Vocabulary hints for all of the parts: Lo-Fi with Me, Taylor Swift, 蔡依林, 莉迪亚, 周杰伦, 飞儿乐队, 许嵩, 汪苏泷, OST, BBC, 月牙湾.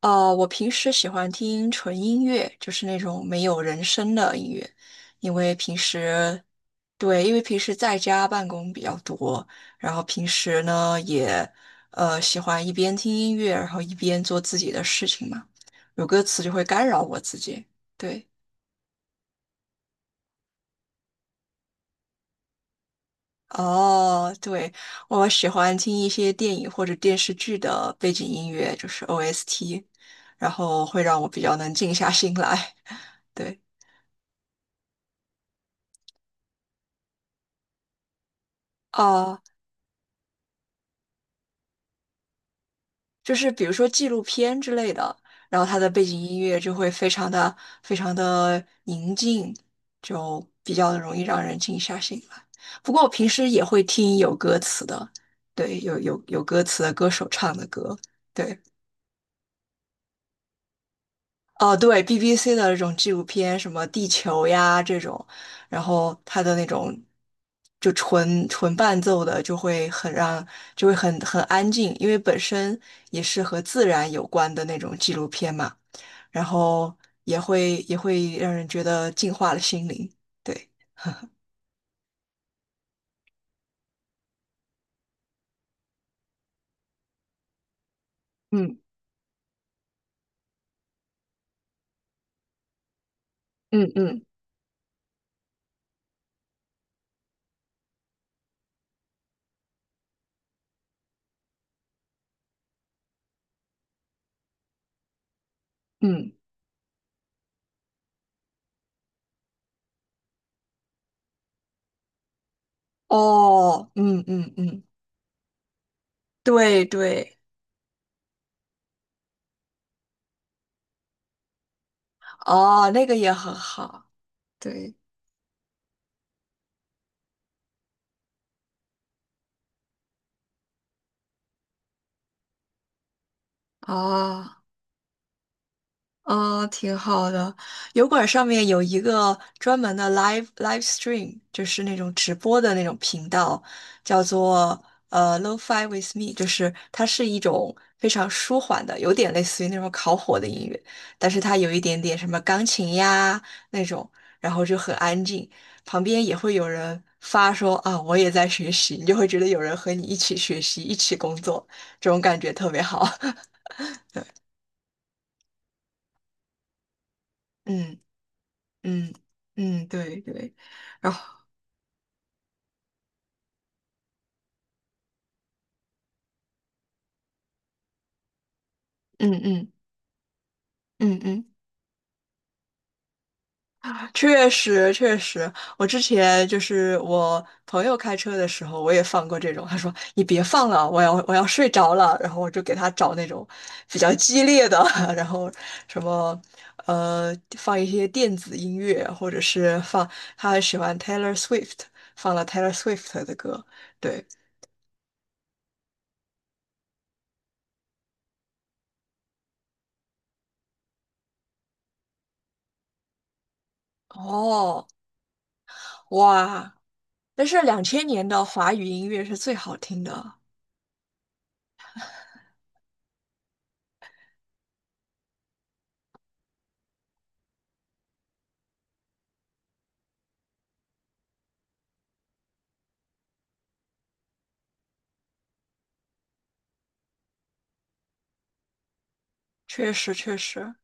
哦，我平时喜欢听纯音乐，就是那种没有人声的音乐。因为平时，对，因为平时在家办公比较多，然后平时呢也，喜欢一边听音乐，然后一边做自己的事情嘛，有歌词就会干扰我自己。对。哦，对，我喜欢听一些电影或者电视剧的背景音乐，就是 OST，然后会让我比较能静下心来。对。哦，就是比如说纪录片之类的，然后它的背景音乐就会非常的宁静，就比较容易让人静下心来。不过我平时也会听有歌词的，对，有歌词的歌手唱的歌，对。哦，对，BBC 的这种纪录片，什么地球呀这种，然后它的那种就纯纯伴奏的，就会很让，就会很安静，因为本身也是和自然有关的那种纪录片嘛，然后也会让人觉得净化了心灵。对，嗯嗯嗯嗯，哦，嗯嗯嗯，对对，哦，那个也很好，对，啊。嗯，挺好的。油管上面有一个专门的 live stream，就是那种直播的那种频道，叫做Lo-Fi with Me，就是它是一种非常舒缓的，有点类似于那种烤火的音乐，但是它有一点点什么钢琴呀那种，然后就很安静，旁边也会有人发说啊我也在学习，你就会觉得有人和你一起学习，一起工作，这种感觉特别好。嗯。嗯嗯，对对，然后嗯嗯嗯嗯，确实确实，我之前就是我朋友开车的时候，我也放过这种，他说你别放了，我要睡着了，然后我就给他找那种比较激烈的，然后什么放一些电子音乐，或者是放他喜欢 Taylor Swift，放了 Taylor Swift 的歌，对，哦，哇，但是两千年的华语音乐是最好听的。确实确实，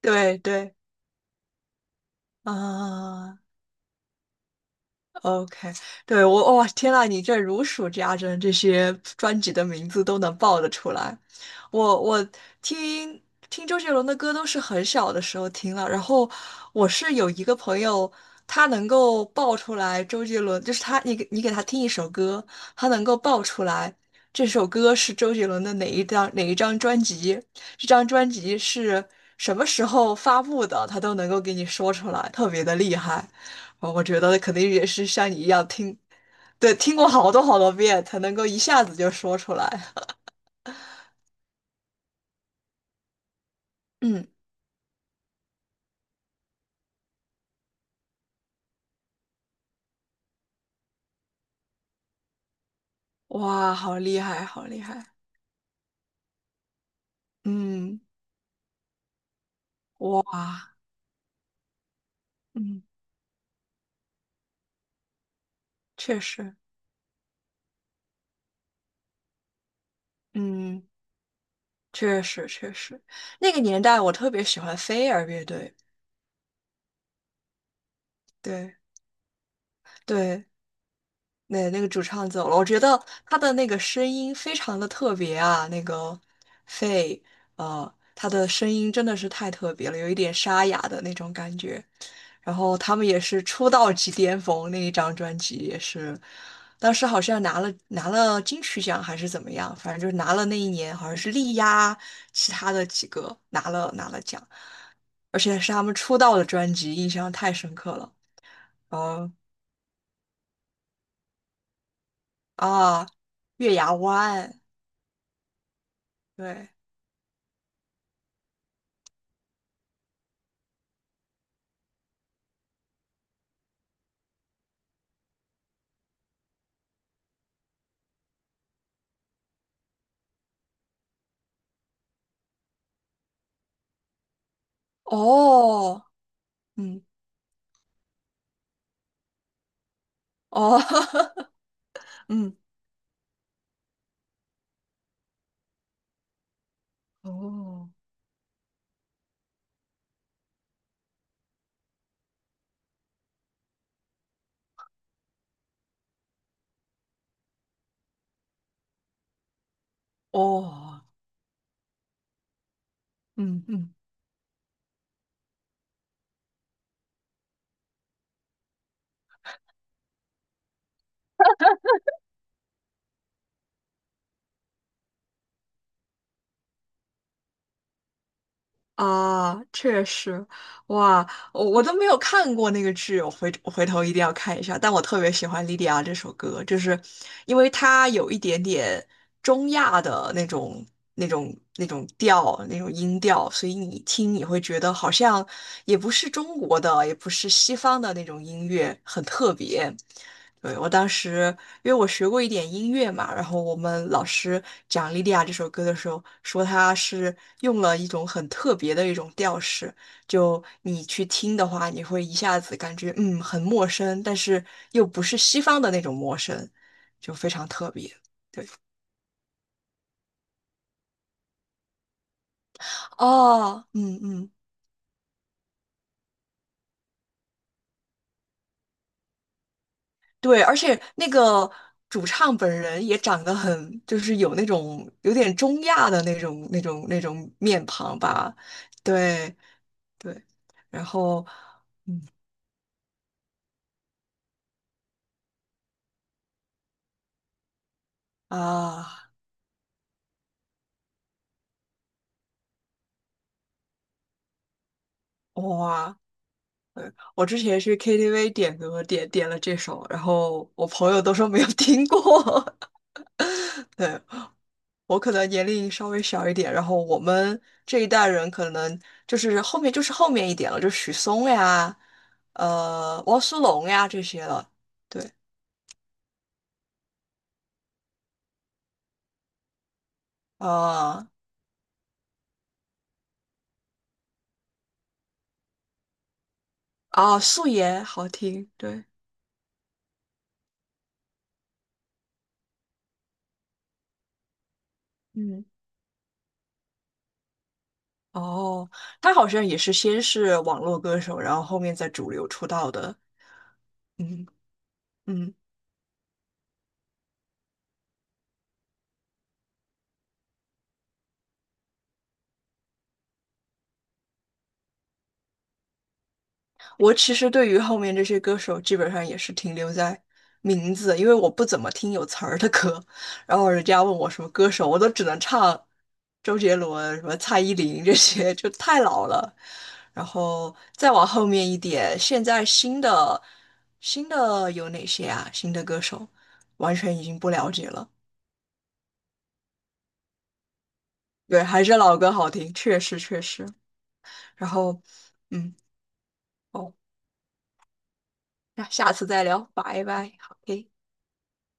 对对，啊、OK，对我哇、天呐，你这如数家珍，这些专辑的名字都能报得出来。我听听周杰伦的歌都是很小的时候听了，然后我是有一个朋友，他能够报出来周杰伦，就是他你给他听一首歌，他能够报出来这首歌是周杰伦的哪一张哪一张专辑，这张专辑是什么时候发布的，他都能够给你说出来，特别的厉害。哦，我觉得肯定也是像你一样听，对，听过好多好多遍才能够一下子就说出来。嗯，哇，好厉害，好厉害。嗯，哇，嗯，确实，嗯，确实确实，那个年代我特别喜欢飞儿乐队，对对，那那个主唱走了，我觉得他的那个声音非常的特别啊，那个飞，他的声音真的是太特别了，有一点沙哑的那种感觉。然后他们也是出道即巅峰，那一张专辑也是，当时好像拿了金曲奖还是怎么样，反正就是拿了那一年好像是力压其他的几个拿了奖，而且是他们出道的专辑，印象太深刻了。然后啊，月牙湾，对，哦，嗯，哦，嗯，哦，哦，嗯嗯。啊，确实，哇，我都没有看过那个剧，我回头一定要看一下。但我特别喜欢《莉迪亚》这首歌，就是因为它有一点点中亚的那种调、那种音调，所以你听你会觉得好像也不是中国的，也不是西方的那种音乐，很特别。对，我当时，因为我学过一点音乐嘛，然后我们老师讲《莉莉娅》这首歌的时候，说它是用了一种很特别的一种调式，就你去听的话，你会一下子感觉嗯很陌生，但是又不是西方的那种陌生，就非常特别。哦，嗯嗯，对，而且那个主唱本人也长得很，就是有那种有点中亚的那种面庞吧，对。对，然后啊，哇，对我之前去 KTV 点歌，点了这首，然后我朋友都说没有听过。对，我可能年龄稍微小一点，然后我们这一代人可能就是后面一点了，就许嵩呀，汪苏泷呀这些了。对，呃，啊，哦素颜好听，对，嗯。哦，他好像也是先是网络歌手，然后后面在主流出道的。嗯。嗯，我其实对于后面这些歌手基本上也是停留在名字，因为我不怎么听有词儿的歌。然后人家问我什么歌手，我都只能唱周杰伦、什么蔡依林这些，就太老了。然后再往后面一点，现在新的有哪些啊？新的歌手完全已经不了解了。对，还是老歌好听，确实确实。然后，嗯，哦，那下次再聊，拜拜好，OK。